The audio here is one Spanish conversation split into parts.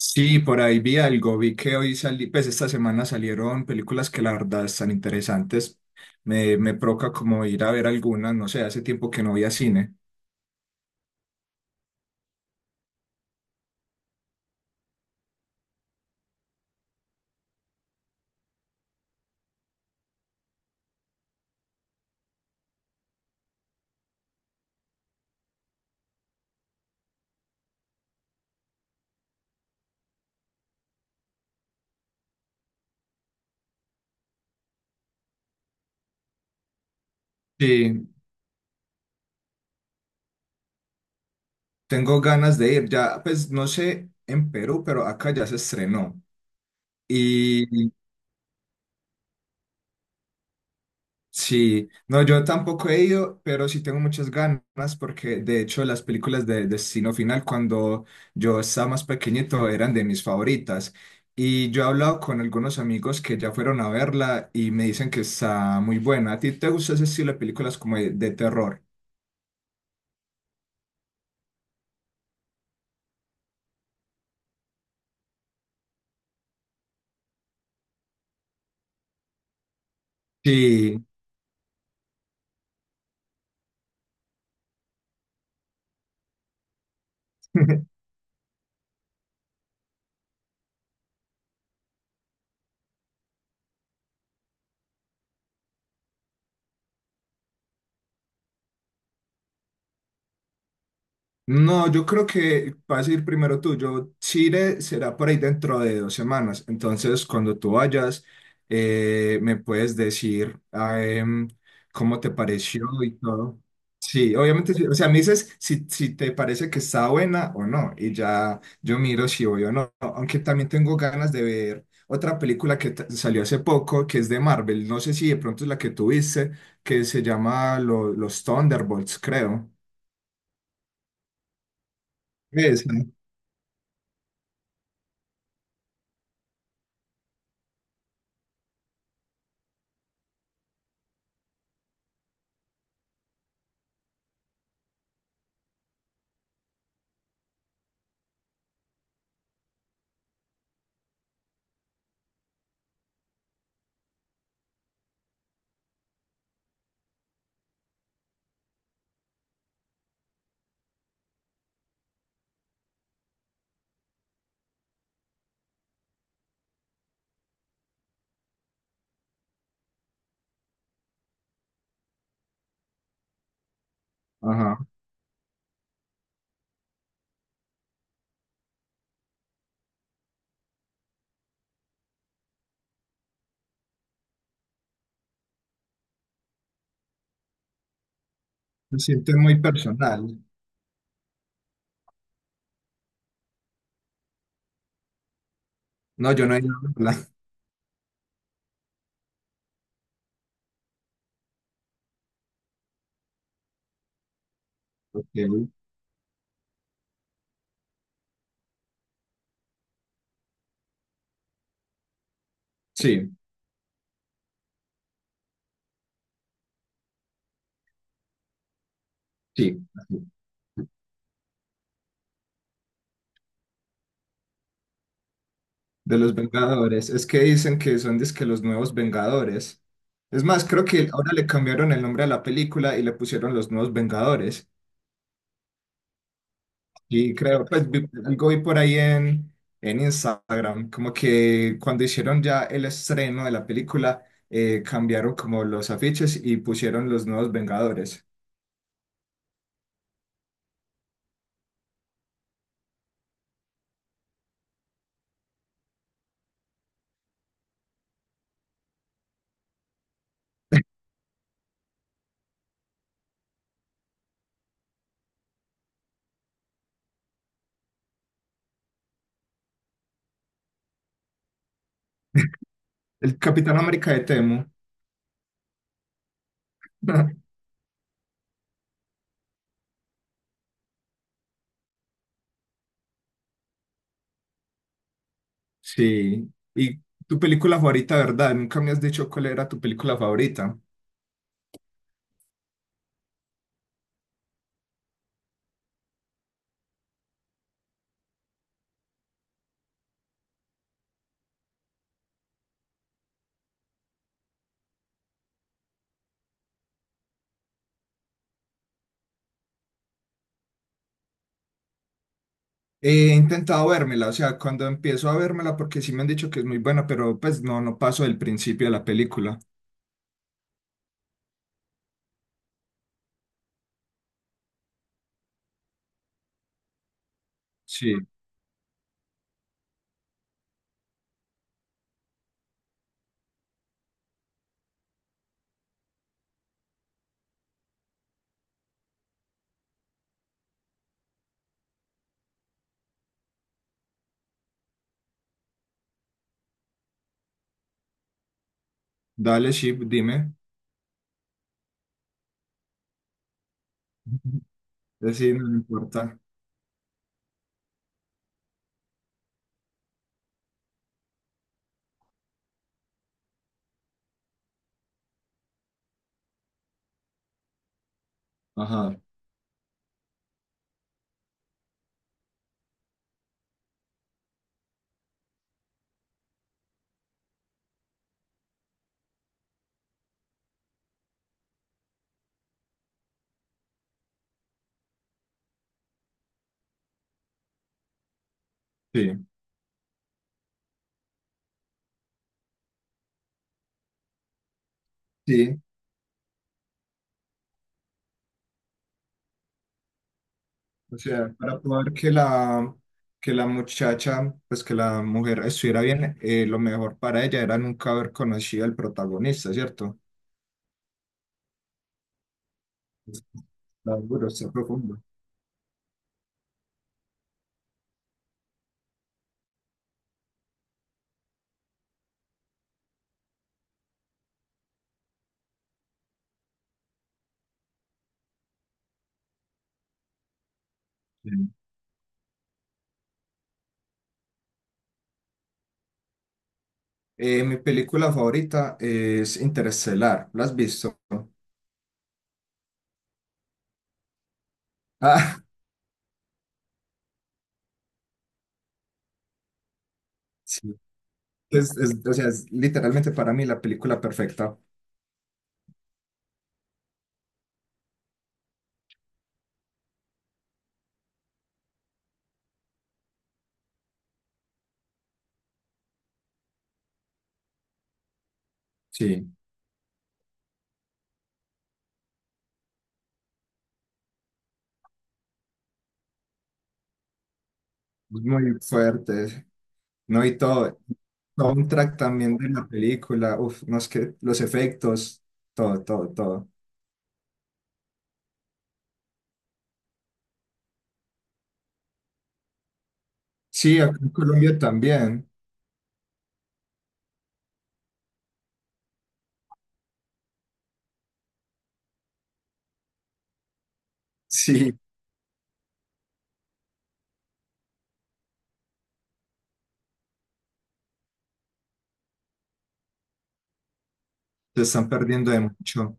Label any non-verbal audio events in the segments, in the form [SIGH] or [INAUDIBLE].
Sí, por ahí vi algo, vi que hoy salí, pues esta semana salieron películas que la verdad están interesantes. Me provoca como ir a ver algunas, no sé, hace tiempo que no voy a cine. Sí, tengo ganas de ir, ya, pues no sé en Perú, pero acá ya se estrenó. Sí, no, yo tampoco he ido, pero sí tengo muchas ganas porque de hecho las películas de Destino Final cuando yo estaba más pequeñito eran de mis favoritas y yo he hablado con algunos amigos que ya fueron a verla y me dicen que está muy buena. ¿A ti te gusta ese estilo de películas como de terror? Sí. [LAUGHS] No, yo creo que vas a ir primero tú. Yo, Chile será por ahí dentro de dos semanas. Entonces, cuando tú vayas, me puedes decir ah, cómo te pareció y todo. Sí, obviamente, sí. O sea, me dices si, si te parece que está buena o no. Y ya yo miro si voy o no. Aunque también tengo ganas de ver otra película que salió hace poco, que es de Marvel. No sé si de pronto es la que tú viste, que se llama Los Thunderbolts, creo. Esa. Ajá. Me siento muy personal. No, yo no he ido a verla. Ok. Sí, sí, sí. De los Vengadores. Es que dicen que son dizque los nuevos Vengadores. Es más, creo que ahora le cambiaron el nombre a la película y le pusieron los nuevos Vengadores. Y creo, pues algo vi por ahí en Instagram, como que cuando hicieron ya el estreno de la película, cambiaron como los afiches y pusieron los nuevos Vengadores. El Capitán América de Temo. [LAUGHS] Sí, y tu película favorita, ¿verdad? Nunca me has dicho cuál era tu película favorita. He intentado vérmela, o sea, cuando empiezo a vérmela, porque sí me han dicho que es muy buena, pero pues no, no paso del principio de la película. Sí, dale, Ship, dime. [LAUGHS] Es decir, no me importa. Ajá, sí, sí. O sea, para poder que la muchacha, pues que la mujer estuviera bien, lo mejor para ella era nunca haber conocido al protagonista, ¿cierto? Seguro, está duro, está profundo. Mi película favorita es Interestelar. ¿La has visto? Ah, [LAUGHS] sí. O sea, es literalmente para mí la película perfecta. Sí, es muy fuerte. No, y todo. Todo un track también de la película. Uf, no es que los efectos, todo, todo, todo. Sí, acá en Colombia también. Sí, se están perdiendo de mucho.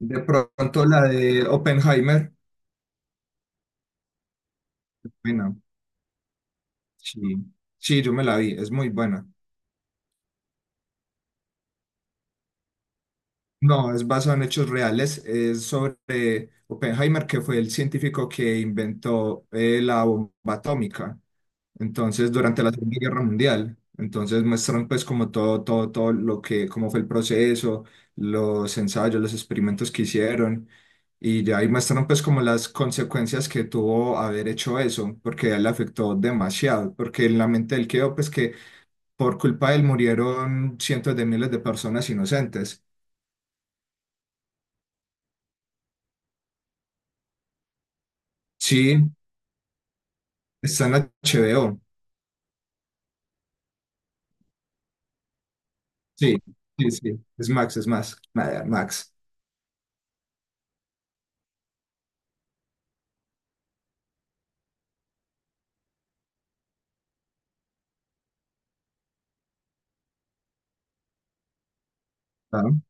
De pronto la de Oppenheimer. Bueno, sí. Sí, yo me la vi. Es muy buena. No, es basado en hechos reales. Es sobre Oppenheimer, que fue el científico que inventó la bomba atómica. Entonces, durante la Segunda Guerra Mundial. Entonces, muestran pues como todo, todo, todo lo que, cómo fue el proceso, los ensayos, los experimentos que hicieron. Y ya ahí muestran pues como las consecuencias que tuvo haber hecho eso, porque a él le afectó demasiado, porque en la mente él quedó pues que por culpa de él murieron cientos de miles de personas inocentes. Sí, está en HBO. Sí, sí, sí. Es Max, es más. Nada, Max. Claro.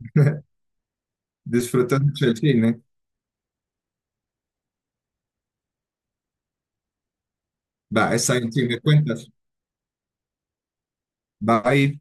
[LAUGHS] Disfrutas mucho del cine. Va, está bien, si me cuentas. Bye.